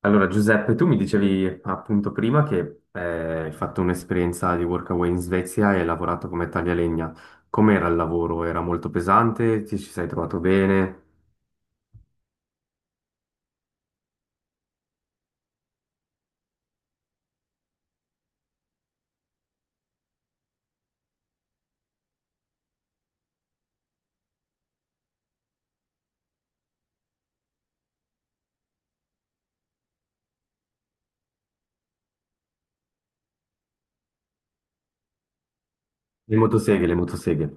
Allora, Giuseppe, tu mi dicevi appunto prima che hai fatto un'esperienza di workaway in Svezia e hai lavorato come taglialegna. Com'era il lavoro? Era molto pesante? Ti ci sei trovato bene? Le motoseghe, le motoseghe.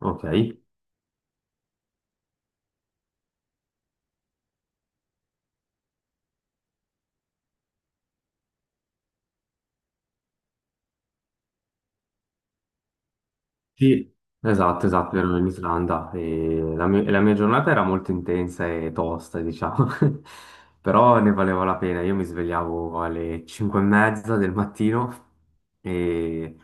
Ok. Sì, esatto, esatto, ero in Islanda e la mia giornata era molto intensa e tosta, diciamo. Però ne valeva la pena. Io mi svegliavo alle 5 e mezza del mattino, e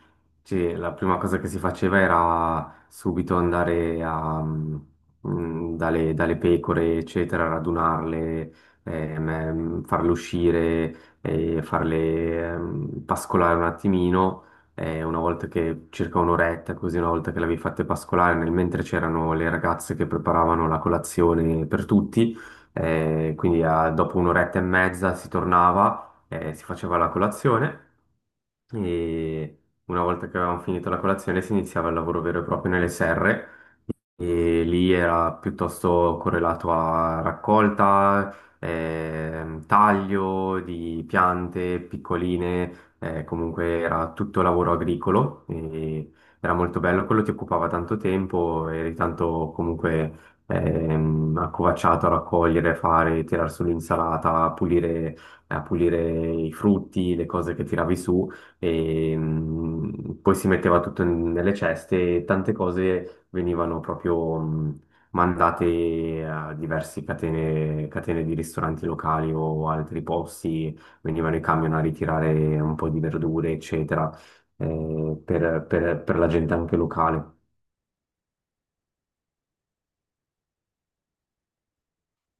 cioè, la prima cosa che si faceva era subito andare dalle pecore, eccetera, radunarle, farle uscire, e farle pascolare un attimino, una volta che circa un'oretta, così una volta che l'avevi fatte pascolare, nel mentre c'erano le ragazze che preparavano la colazione per tutti, quindi dopo un'oretta e mezza si tornava, si faceva la colazione e una volta che avevamo finito la colazione si iniziava il lavoro vero e proprio nelle serre. E lì era piuttosto correlato a raccolta, taglio di piante piccoline, comunque era tutto lavoro agricolo e era molto bello, quello ti occupava tanto tempo, eri tanto comunque accovacciato a raccogliere, fare, tirar su l'insalata, a pulire i frutti, le cose che tiravi su. E poi si metteva tutto nelle ceste e tante cose venivano proprio mandate a diverse catene, catene di ristoranti locali o altri posti, venivano i camion a ritirare un po' di verdure, eccetera, per la gente anche locale.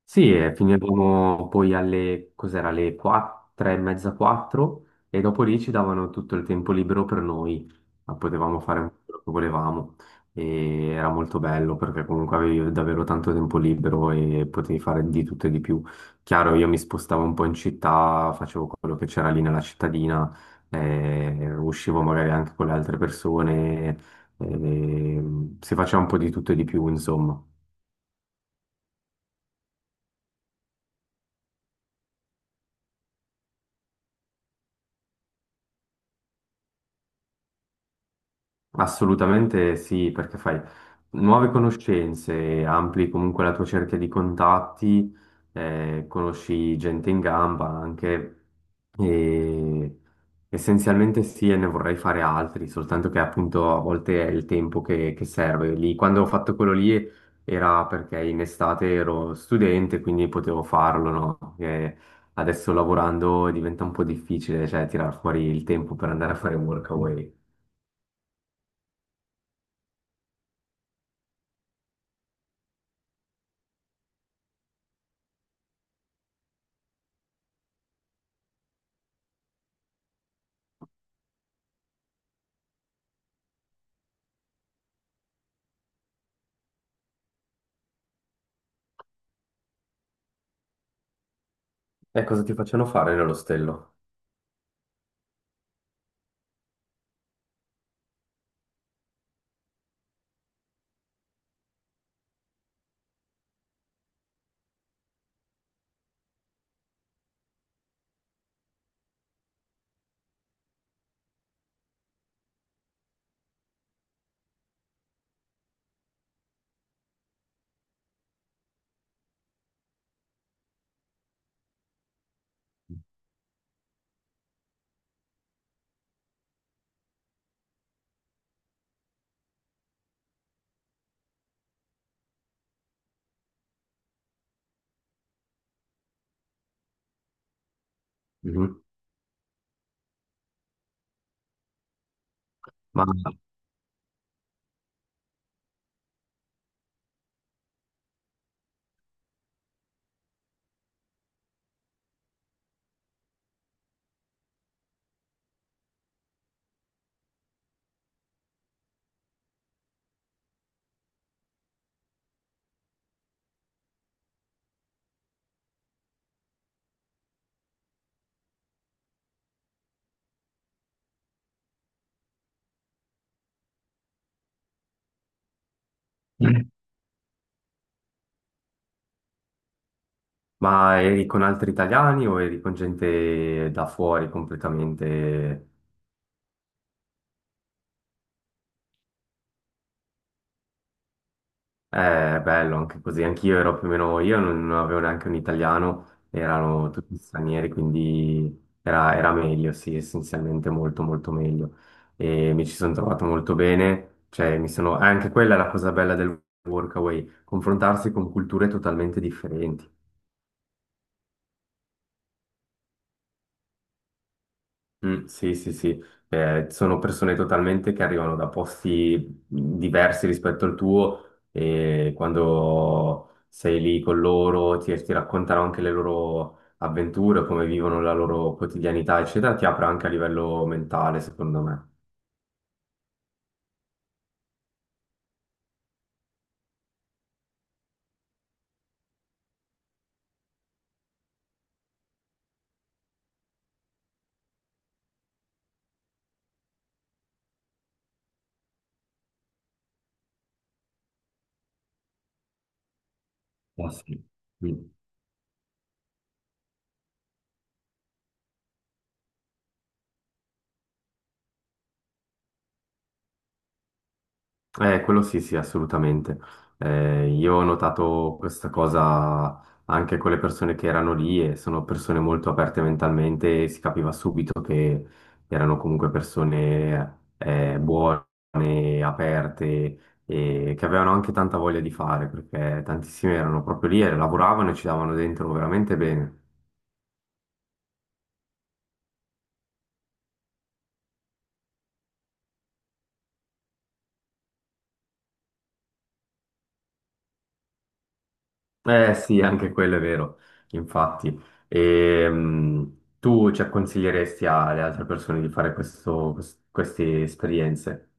Sì, e finivamo poi alle, cos'era, alle 4, 3:30, 4, e dopo lì ci davano tutto il tempo libero per noi, ma potevamo fare un po' quello che volevamo e era molto bello perché comunque avevi davvero tanto tempo libero e potevi fare di tutto e di più. Chiaro, io mi spostavo un po' in città, facevo quello che c'era lì nella cittadina, uscivo magari anche con le altre persone, eh, si faceva un po' di tutto e di più, insomma. Assolutamente sì, perché fai nuove conoscenze, ampli comunque la tua cerchia di contatti, conosci gente in gamba anche e essenzialmente sì, e ne vorrei fare altri, soltanto che appunto a volte è il tempo che serve. Lì, quando ho fatto quello lì era perché in estate ero studente, quindi potevo farlo, no? E adesso lavorando diventa un po' difficile, cioè tirar fuori il tempo per andare a fare workaway. E cosa ti facevano fare nell'ostello? Mhm. Ma, ma eri con altri italiani o eri con gente da fuori completamente? È bello anche così. Anch'io ero più o meno, io non, avevo neanche un italiano, erano tutti stranieri, quindi era meglio, sì, essenzialmente molto molto meglio. E mi ci sono trovato molto bene, cioè mi sono, anche quella è la cosa bella del workaway, confrontarsi con culture totalmente differenti. Mm, sì, sì, sì. Sono persone totalmente che arrivano da posti diversi rispetto al tuo e quando sei lì con loro ti raccontano anche le loro avventure, come vivono la loro quotidianità, eccetera, ti apre anche a livello mentale, secondo me. Ah, sì. Mm. Quello sì, sì, assolutamente. Io ho notato questa cosa anche con le persone che erano lì e sono persone molto aperte mentalmente e si capiva subito che erano comunque persone buone, aperte e che avevano anche tanta voglia di fare perché tantissimi erano proprio lì e lavoravano e ci davano dentro veramente bene. Eh sì, anche quello è vero, infatti. Tu, cioè, consiglieresti alle altre persone di fare questo, queste esperienze?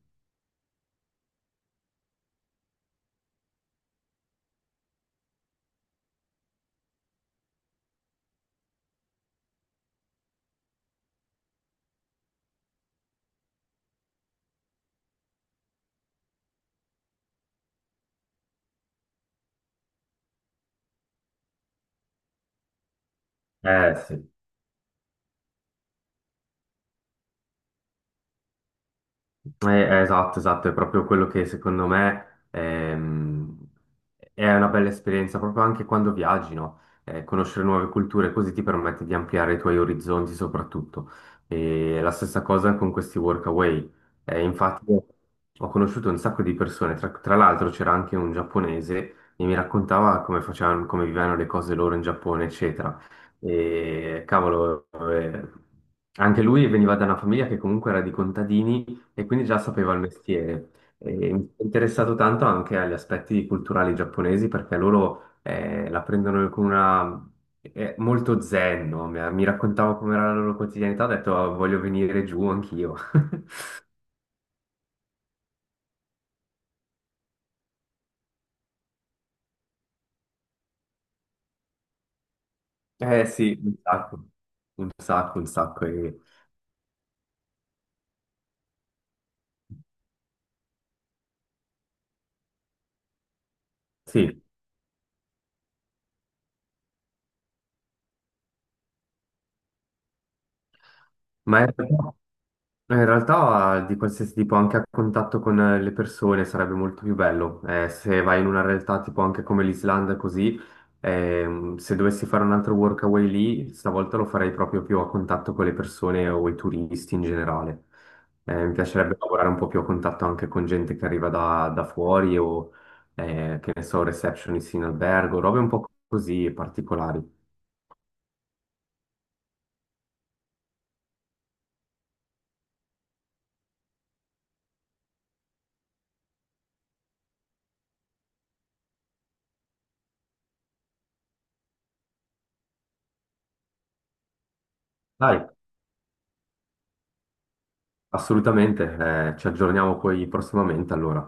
Eh sì. Esatto, esatto, è proprio quello che secondo me è una bella esperienza, proprio anche quando viaggi, no? Conoscere nuove culture così ti permette di ampliare i tuoi orizzonti soprattutto. E la stessa cosa con questi workaway. Infatti ho conosciuto un sacco di persone, tra l'altro c'era anche un giapponese e mi raccontava come facevano, come vivevano le cose loro in Giappone, eccetera. E cavolo, anche lui veniva da una famiglia che comunque era di contadini e quindi già sapeva il mestiere. E mi sono interessato tanto anche agli aspetti culturali giapponesi perché loro la prendono con una... È molto zen, no? Mi raccontavo com'era la loro quotidianità, ho detto "Ah, voglio venire giù anch'io." Eh sì, un sacco, un sacco, un sacco. Sì, ma è... In realtà di qualsiasi tipo, anche a contatto con le persone sarebbe molto più bello. Se vai in una realtà tipo anche come l'Islanda, così, se dovessi fare un altro workaway lì, stavolta lo farei proprio più a contatto con le persone o i turisti in generale. Mi piacerebbe lavorare un po' più a contatto anche con gente che arriva da fuori o, che ne so, receptionist in albergo, robe un po' così particolari. Dai, assolutamente, ci aggiorniamo poi prossimamente allora.